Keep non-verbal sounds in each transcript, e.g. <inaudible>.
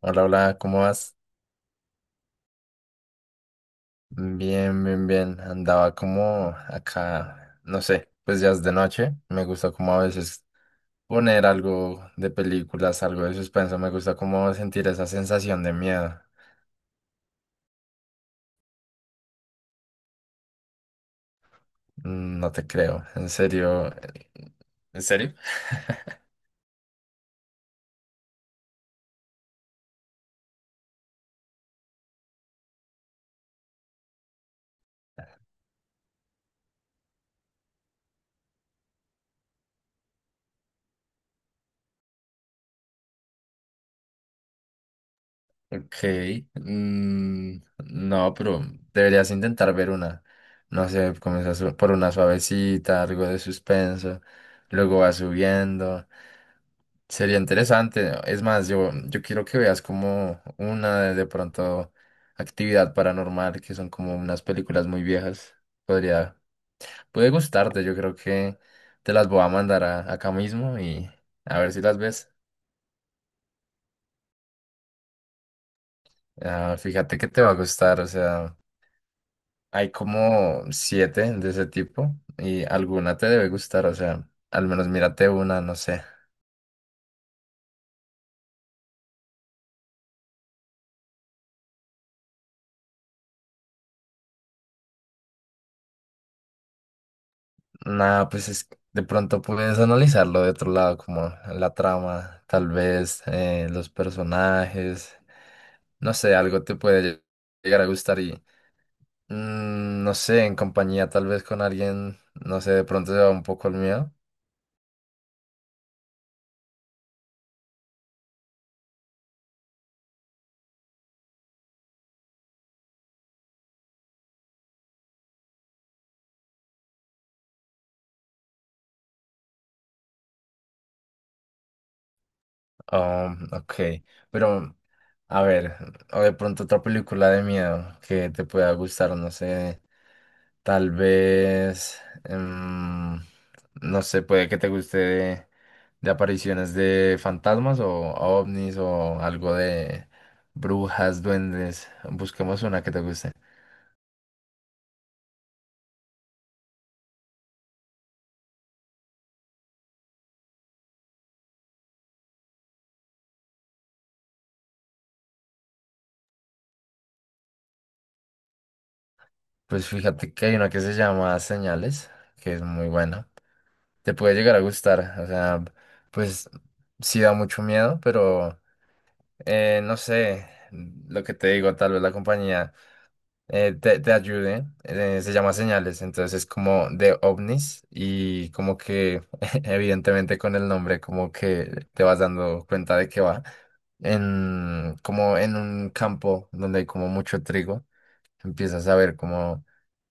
Hola, hola, ¿cómo vas? Bien, bien, bien. Andaba como acá, no sé, pues ya es de noche. Me gusta como a veces poner algo de películas, algo de suspenso. Me gusta como sentir esa sensación de miedo. Mm, no te creo, en serio. ¿En serio? Ok. mm, no, pero deberías intentar ver una. No sé, comienzas por una suavecita, algo de suspenso. Luego va subiendo. Sería interesante, ¿no? Es más, yo quiero que veas como una de pronto actividad paranormal, que son como unas películas muy viejas. Podría, puede gustarte, yo creo que te las voy a acá mismo y a ver si las ves. Ah, fíjate que te va a gustar, o sea, hay como siete de ese tipo y alguna te debe gustar, o sea, al menos mírate una, no sé. Nada, pues es, de pronto puedes analizarlo de otro lado, como la trama, tal vez los personajes, no sé, algo te puede llegar a gustar y no sé, en compañía tal vez con alguien, no sé, de pronto se va un poco el miedo. Oh, ok, pero a ver, o de pronto otra película de miedo que te pueda gustar, no sé. Tal vez, em, no sé, puede que te guste de apariciones de fantasmas o ovnis o algo de brujas, duendes. Busquemos una que te guste. Pues fíjate que hay una que se llama Señales, que es muy buena. Te puede llegar a gustar, o sea, pues sí da mucho miedo, pero no sé, lo que te digo, tal vez la compañía te ayude. Eh, se llama Señales, entonces es como de ovnis y como que <laughs> evidentemente con el nombre como que te vas dando cuenta de que va en como en un campo donde hay como mucho trigo. Empiezas a ver como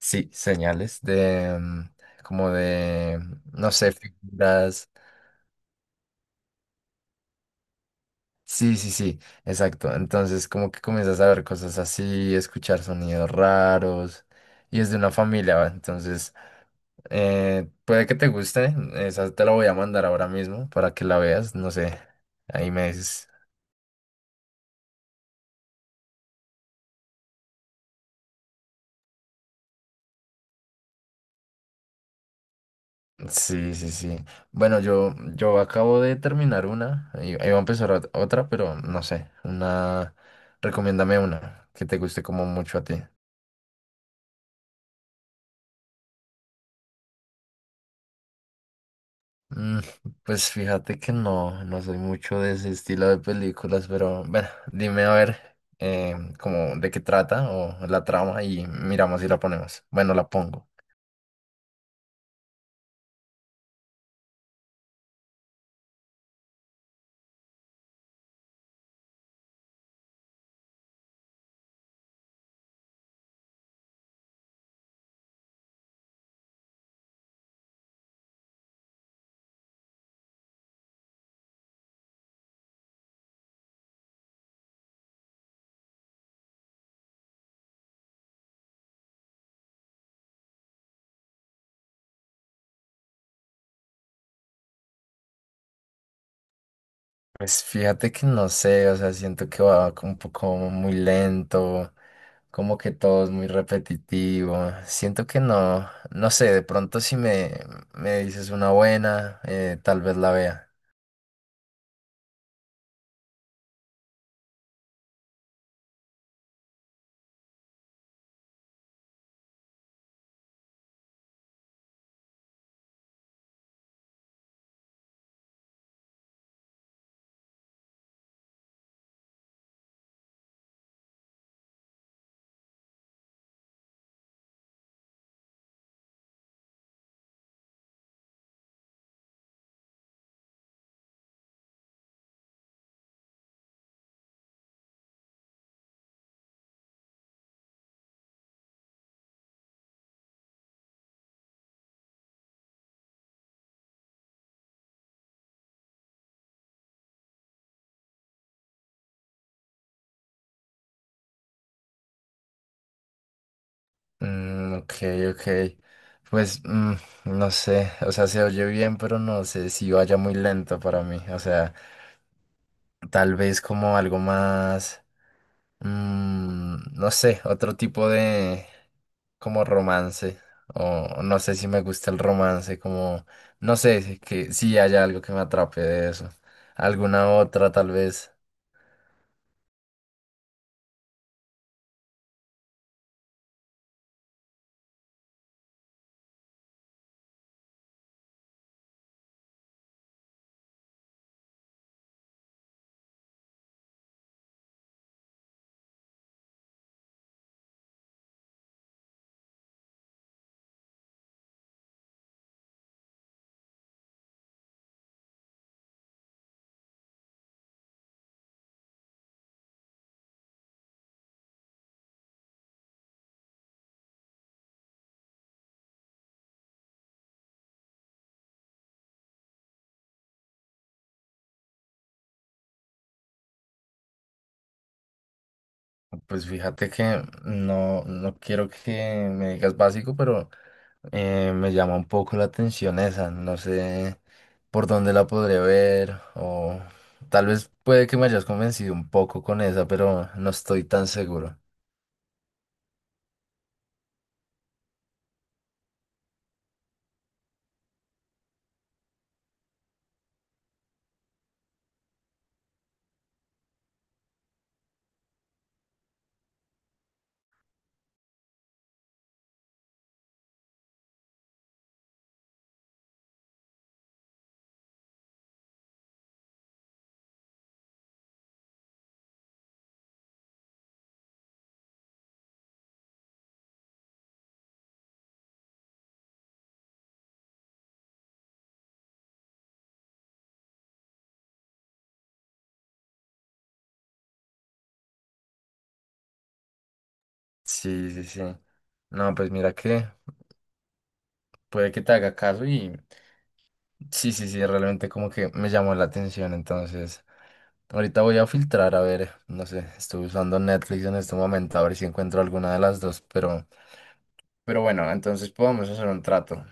sí, señales de mm, como de no sé, figuras. Sí, sí, sí, exacto. Entonces como que comienzas a ver cosas así, escuchar sonidos raros, y es de una familia, ¿va? Entonces puede que te guste. Esa te la voy a mandar ahora mismo para que la veas, no sé, ahí me dices. Sí, sí, sí. Bueno, yo acabo de terminar una, iba a empezar otra, pero no sé, una, recomiéndame una que te guste como mucho a ti. Mm, pues fíjate que no, no soy mucho de ese estilo de películas, pero bueno, dime a ver como de qué trata o la trama y miramos si la ponemos. Bueno, la pongo. Pues fíjate que no sé, o sea, siento que va como un poco muy lento, como que todo es muy repetitivo. Siento que no, no sé, de pronto si me, me dices una buena, tal vez la vea. Mm, ok, ok. Pues no sé, o sea, se oye bien, pero no sé si vaya muy lento para mí. O sea, tal vez como algo más. No sé, otro tipo de como romance. O no sé si me gusta el romance, como no sé si haya algo que me atrape de eso. Alguna otra tal vez. Pues fíjate que no, no quiero que me digas básico, pero me llama un poco la atención esa. No sé por dónde la podré ver o tal vez puede que me hayas convencido un poco con esa, pero no estoy tan seguro. Sí, sí, sí. No, pues mira que puede que te haga caso y sí, sí, sí, realmente como que me llamó la atención. Entonces, ahorita voy a filtrar, a ver, no sé, estoy usando Netflix en este momento, a ver si encuentro alguna de las dos, pero bueno, entonces podemos hacer un trato.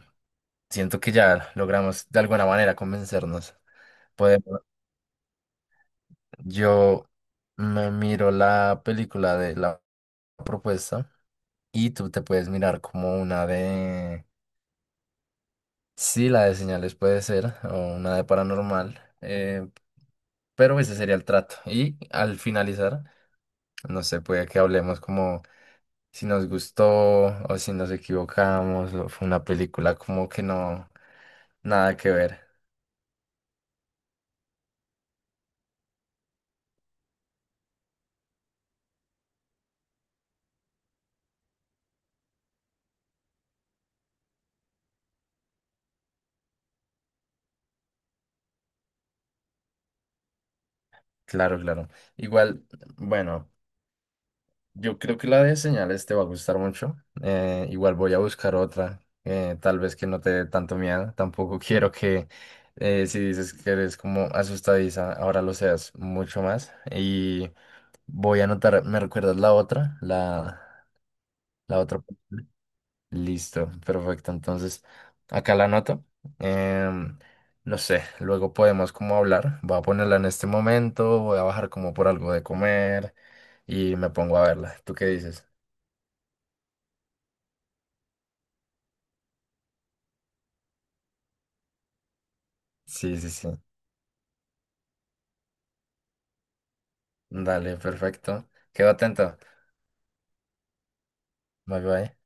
Siento que ya logramos de alguna manera convencernos. Podemos, yo me miro la película de la propuesta y tú te puedes mirar como una de sí, la de señales puede ser, o una de paranormal, pero ese sería el trato. Y al finalizar, no sé, puede que hablemos como si nos gustó o si nos equivocamos, o fue una película como que no, nada que ver. Claro, claro. Igual, bueno. Yo creo que la de señales te va a gustar mucho. Igual voy a buscar otra, tal vez que no te dé tanto miedo. Tampoco <laughs> quiero que si dices que eres como asustadiza, ahora lo seas mucho más. Y voy a anotar, ¿me recuerdas la otra? La otra. Listo, perfecto. Entonces, acá la anoto. Em, no sé, luego podemos como hablar. Voy a ponerla en este momento, voy a bajar como por algo de comer y me pongo a verla. ¿Tú qué dices? Sí, sí, sí. Dale, perfecto. Quedo atento. Bye bye.